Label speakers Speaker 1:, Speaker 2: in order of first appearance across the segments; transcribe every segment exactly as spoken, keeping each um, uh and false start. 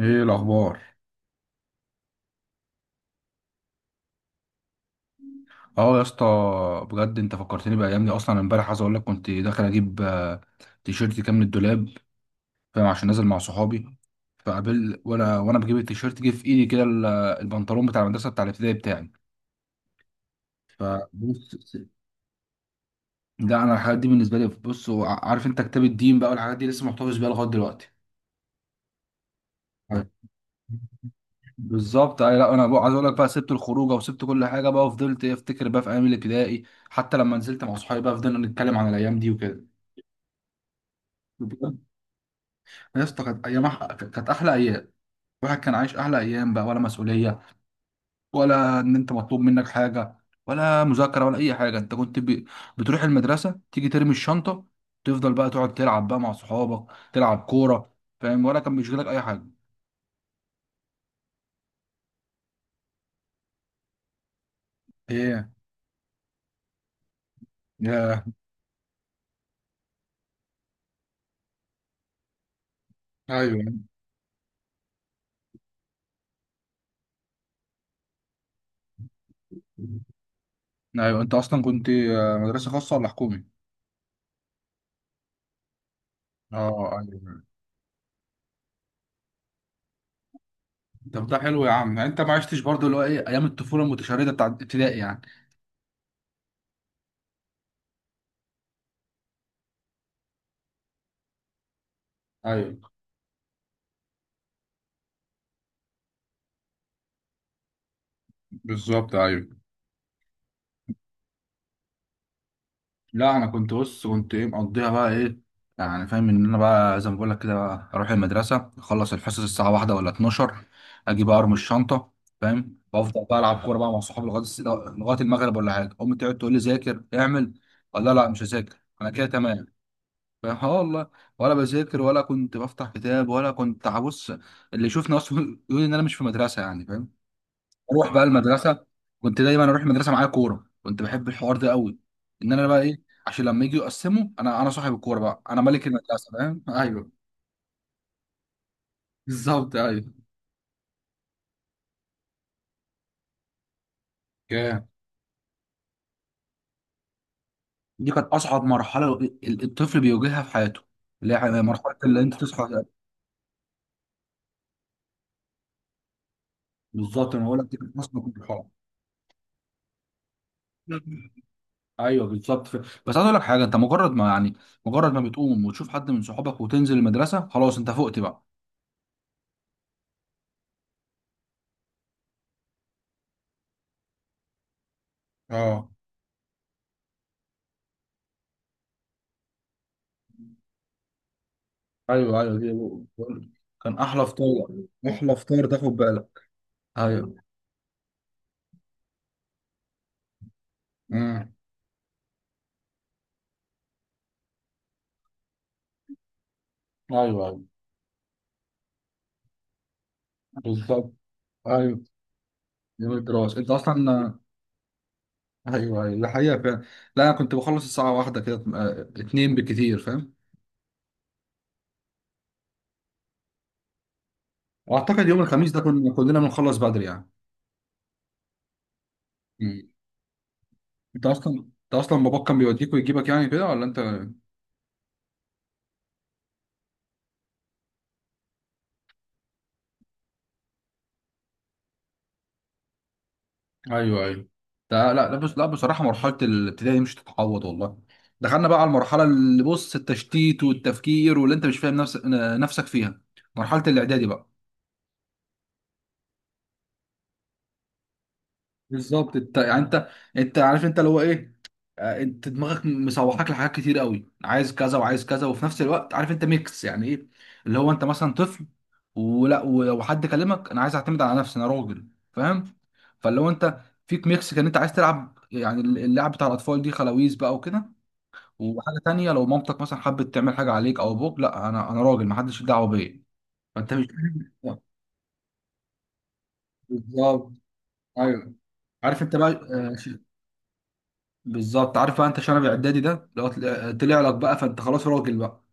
Speaker 1: ايه الاخبار؟ اه يا اسطى، بجد انت فكرتني بايام دي. اصلا امبارح عايز اقول لك، كنت داخل اجيب آه، تيشيرت كام من الدولاب، فاهم؟ عشان نازل مع صحابي. فقابل وانا وانا بجيب التيشيرت، جه في ايدي كده ال- البنطلون بتاع المدرسه، بتاع الابتدائي بتاعي. بص، لا انا الحاجات دي بالنسبه لي، بص، وع- عارف انت كتاب الدين بقى والحاجات دي لسه محتفظ بيها لغايه دلوقتي. أيوة. بالظبط أيوة، لا انا بقى عايز اقول لك بقى، سبت الخروجه وسبت كل حاجه بقى وفضلت افتكر بقى في ايام الابتدائي، حتى لما نزلت مع صحابي بقى فضلنا نتكلم عن الايام دي وكده. يا اسطى كانت ايام أح- كانت احلى ايام. الواحد كان عايش احلى ايام بقى، ولا مسؤوليه، ولا ان انت مطلوب منك حاجه، ولا مذاكره ولا اي حاجه. انت كنت ب... بتروح المدرسه تيجي ترمي الشنطه، تفضل بقى تقعد تلعب بقى مع صحابك، تلعب كوره، فاهم؟ ولا كان بيشغلك اي حاجه؟ ايه؟ يا، ايوه. ايوه انت اصلا كنت آه، مدرسه خاصه ولا حكومي؟ اه ايوه، طب ده حلو يا عم، يعني انت ما عشتش برضو اللي هو ايه، ايام الطفوله المتشرده بتاع ابتدائي يعني. ايوه، بالظبط ايوه. لا انا كنت، بص كنت ايه، مقضيها بقى ايه، يعني فاهم ان انا بقى زي ما بقول لك كده بقى، اروح المدرسه اخلص الحصص الساعه واحدة ولا اتناشر، اجي بقى ارمي الشنطه، فاهم؟ بفضل بقى العب كوره بقى مع صحابي لغايه الس- لغايه المغرب، ولا حاجه. امي تقعد تقول لي ذاكر، اعمل، اقول لها لا مش هذاكر، انا كده تمام، فاهم؟ اه والله، ولا بذاكر ولا كنت بفتح كتاب ولا كنت، بص، اللي يشوفني اصلا يقول ان انا مش في مدرسه يعني. اروح بقى المدرسه، كنت دايما اروح المدرسه معايا كوره، كنت بحب الحوار ده قوي، ان انا بقى ايه، عشان لما يجوا يقسموا انا انا صاحب الكوره بقى، انا ملك المدرسه، فاهم؟ ايوه، بالظبط ايوه. جامد. دي كانت اصعب مرحله ال- الطفل بيواجهها في حياته، اللي هي مرحله اللي انت تصحى. بالظبط، انا بقول لك دي كانت اصعب مرحله. ايوه بالظبط. ف- بس عايز اقول لك حاجه، انت مجرد ما يعني، مجرد ما بتقوم وتشوف حد من صحابك وتنزل المدرسه خلاص انت فقت بقى. اه، ايوه ايوه دي، بقول- كان احلى فطار. احلى فطار، تاخد بالك؟ ايوه. امم. ايوه ايوه بالظبط. ايوه، يوم الدراسه انت اصلا. ايوه ايوه، ده حقيقه فعلا. لا انا كنت بخلص الساعه واحدة كده، آه، اتنين بالكتير، فاهم؟ واعتقد يوم الخميس ده كنا كلنا بنخلص بدري يعني. مم. انت اصلا انت اصلا باباك كان بيوديك ويجيبك يعني كده ولا انت؟ ايوه ايوه ده، لا لا، بص لا بصراحه مرحله الابتدائي مش تتعوض والله. دخلنا بقى على المرحله اللي، بص، التشتيت والتفكير، واللي انت مش فاهم نفسك نفسك فيها، مرحله الاعدادي بقى. بالظبط، انت يعني، انت، انت عارف انت اللي هو ايه، آه، انت دماغك مسوحاك لحاجات كتير قوي، عايز كذا وعايز كذا، وفي نفس الوقت عارف انت ميكس يعني ايه، اللي هو انت مثلا طفل، ولا و- وحد كلمك، انا عايز اعتمد على نفسي، انا راجل، فاهم؟ فاللي هو انت فيك ميكس، كان انت عايز تلعب، يعني اللعب بتاع الاطفال دي خلاويز بقى وكده، وحاجه تانية لو مامتك مثلا حبت تعمل حاجه عليك او ابوك، لا انا انا راجل، محدش ليه دعوه بيا، فانت مش فاهم. بالظبط ايوه، عارف انت بقى آه، ش- بالظبط، عارف بقى انت شنب اعدادي ده لو طل- آه، طلع لك بقى، فانت خلاص راجل بقى.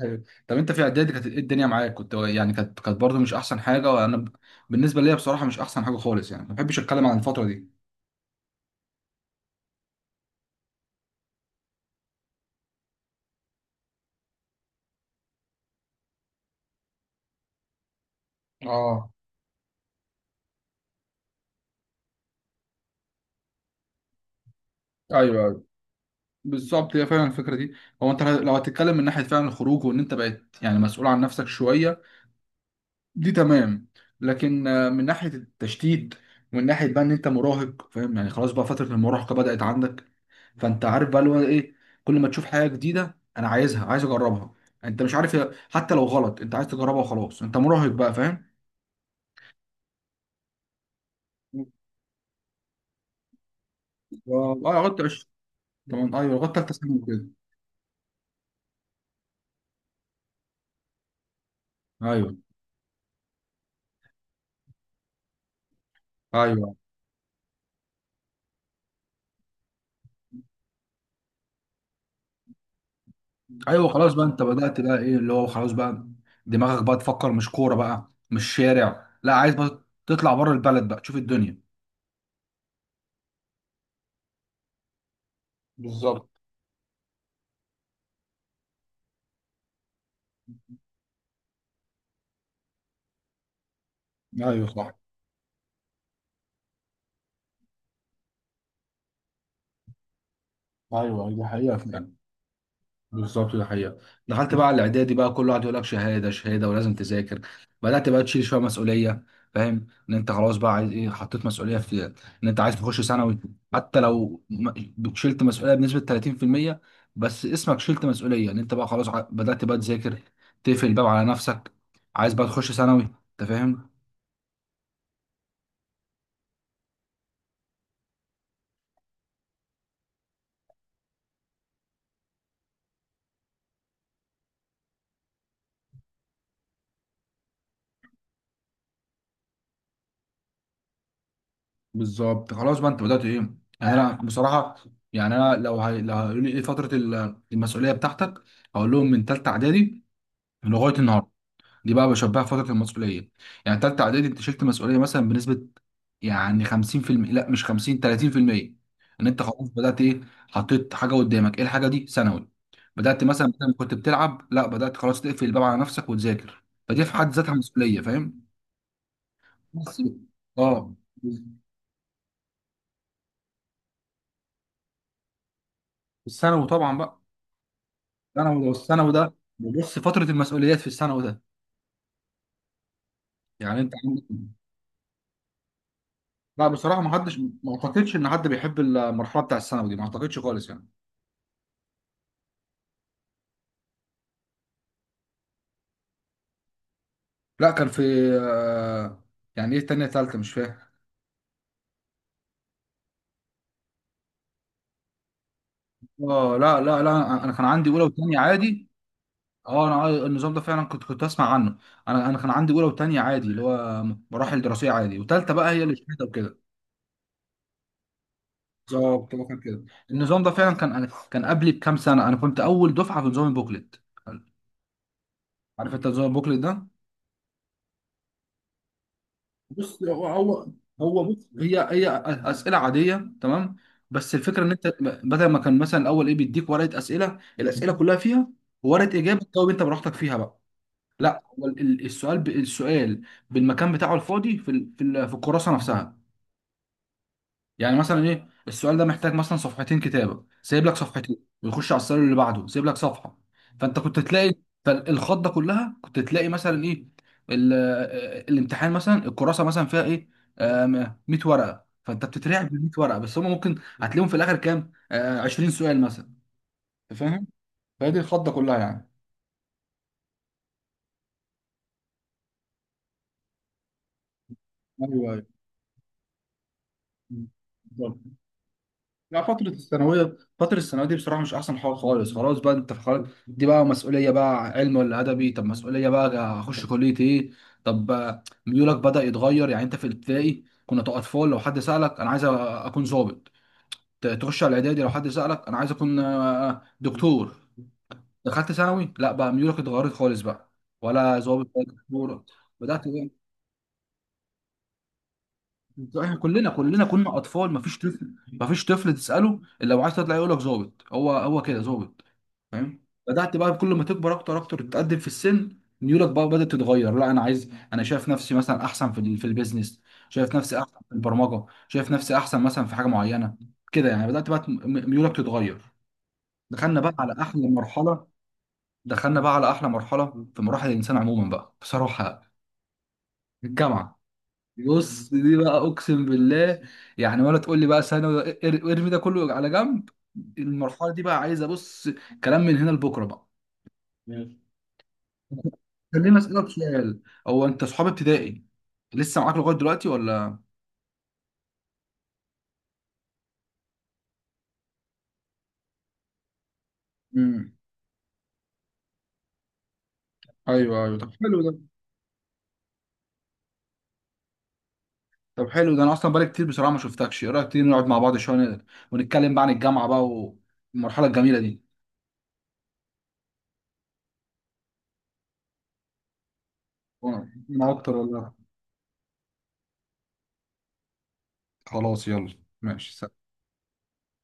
Speaker 1: ايوه، طب انت في اعدادي كانت ايه الدنيا معاك، كنت يعني، كانت كانت برضه مش احسن حاجه. وانا ب- بالنسبه ليا بصراحه مش احسن حاجه خالص، يعني ما بحبش اتكلم عن الفتره دي. اه، ايوه ايوه بالظبط. هي فعلا الفكره دي، هو انت لو هتتكلم من ناحيه فعلا الخروج، وان انت بقيت يعني مسؤول عن نفسك شويه، دي تمام. لكن آه، من ناحية التشتيت، ومن ناحية بقى ان انت مراهق، فاهم يعني؟ خلاص بقى فترة المراهقة بدأت عندك، فانت عارف بقى اللي هو ايه، كل ما تشوف حاجة جديدة انا عايزها، عايز اجربها، يعني انت مش عارف، هي- حتى لو غلط انت عايز تجربها، وخلاص انت مراهق بقى، فاهم؟ ف- اه لغاية عشرين. طبعا ايوه، لغاية تالتة ثانوي كده. ايوه ايوه ايوه، خلاص بقى انت بدأت بقى ايه، اللي هو خلاص بقى دماغك بقى تفكر مش كورة بقى مش شارع، لا عايز بقى تطلع بره البلد بقى تشوف الدنيا. بالظبط. ايوه صح. ايوه دي حقيقه فعلا. بالظبط دي حقيقه. دخلت بقى على الاعدادي بقى كل واحد يقول لك شهاده شهاده ولازم تذاكر، بدات بقى تشيل شويه مسؤوليه، فاهم ان انت خلاص بقى عايز ايه، حطيت مسؤوليه في ان انت عايز تخش ثانوي، حتى لو م- شلت مسؤوليه بنسبه تلاتين بالميه، بس اسمك شلت مسؤوليه، ان انت بقى خلاص، ع- بدات بقى تذاكر، تقفل الباب على نفسك، عايز بقى تخش ثانوي، انت فاهم؟ بالظبط، خلاص بقى انت بدات ايه، يعني انا بصراحه، يعني انا لو هي... لو هيقولوا لي ايه فتره ال- المسؤوليه بتاعتك، هقول لهم من ثالثه اعدادي لغايه النهارده، دي بقى بشبهها فتره المسؤوليه، يعني ثالثه اعدادي انت شلت مسؤوليه مثلا بنسبه، يعني خمسين بالمائة، لا مش خمسين، تلاتين بالميه، ان انت خلاص بدات ايه، حطيت حاجه قدامك، ايه الحاجه دي؟ ثانوي. بدات مثلا بدل ما كنت بتلعب لا بدات خلاص تقفل الباب على نفسك وتذاكر، فدي في حد ذاتها مسؤوليه، فاهم؟ بس، اه، الثانوي طبعا بقى. الثانوي ده، والثانوي ده بص، فترة المسؤوليات في الثانوي ده، يعني انت عندك، لا بصراحة ما حدش، ما اعتقدش ان حد بيحب المرحلة بتاع الثانوي دي، ما اعتقدش خالص يعني. لا كان في آه، يعني ايه، تانية تالتة، مش فاهم. اه لا لا لا، انا كان عندي اولى وثانية عادي. اه، انا عاي- النظام ده فعلا كنت كنت اسمع عنه. انا انا كان عندي اولى وثانية عادي، اللي هو مراحل دراسية عادي، وثالثة بقى هي اللي شهادة وكده. بالظبط، هو كان كده. النظام ده فعلا كان، انا كان قبلي بكام سنة، انا كنت اول دفعة في نظام البوكلت. عارف انت نظام البوكلت ده؟ بص هو، هو هو بص، هي هي، اسئله عاديه تمام. بس الفكره ان انت بدل ما كان مثلا الاول ايه، بيديك ورقه اسئله، الاسئله كلها فيها ورقه اجابه، تجاوب انت براحتك فيها بقى. لا هو ال- ال- السؤال، ب- السؤال بالمكان بتاعه الفاضي في ال- في ال- في الكراسه نفسها. يعني مثلا ايه، السؤال ده محتاج مثلا صفحتين كتابه، سايب لك صفحتين، ويخش على السؤال اللي بعده سايب لك صفحه. فانت كنت تلاقي، فالخضه كلها، كنت تلاقي مثلا ايه، ال- آه، الامتحان مثلا، الكراسه مثلا فيها ايه، آم، ميه ورقه، فانت بتترعب من ميه ورقه، بس هم ممكن هتلاقيهم في الاخر كام، آه، عشرين سؤال مثلا، فاهم؟ فهي دي الخضه كلها يعني. ايوه ايوه. لا فترة الثانوية فترة الثانوية دي بصراحة مش أحسن حاجة خالص، خلاص بقى أنت خلاص، دي بقى مسؤولية بقى، علم ولا أدبي، طب مسؤولية بقى أخش كلية إيه. طب آه، ميولك بدأ يتغير، يعني أنت في الابتدائي كنا أطفال، لو حد سألك أنا عايز أكون ضابط، ت- تخش على الإعدادي لو حد سألك أنا عايز أكون آه، دكتور. دخلت ثانوي، لا بقى ميولك اتغيرت خالص بقى، ولا ضابط ولا دكتور. بدأت، احنا كلنا كلنا كنا اطفال، مفيش طفل مفيش طفل تساله الا لو عايز تطلع يقول لك ظابط، هو هو كده، ظابط، فاهم؟ بدات بقى كل ما تكبر اكتر اكتر تتقدم في السن ميولك بقى بدات تتغير، لا انا عايز، انا شايف نفسي مثلا احسن في ال- في البيزنس، شايف نفسي احسن في البرمجه، شايف نفسي احسن مثلا في حاجه معينه كده يعني، بدات بقى م- ميولك تتغير. دخلنا بقى على احلى مرحله، دخلنا بقى على احلى مرحله في مراحل الانسان عموما بقى بصراحه، الجامعه. بص دي بقى اقسم بالله، يعني ولا تقول لي بقى ثانوي، إر- ارمي ده كله على جنب. المرحله دي بقى عايزه، بص، كلام من هنا لبكره بقى. خليني اسالك سؤال، هو انت صحاب ابتدائي لسه معاك لغايه دلوقتي ولا؟ امم. ايوه ايوه، طب حلو ده. طب حلو ده، انا اصلا بقالي كتير بصراحه ما شفتكش، ايه رايك تيجي نقعد مع بعض شويه، ن- ونتكلم بقى عن الجامعه بقى، والمرحله الجميله دي. وانا أنا اكتر والله. خلاص يلا ماشي.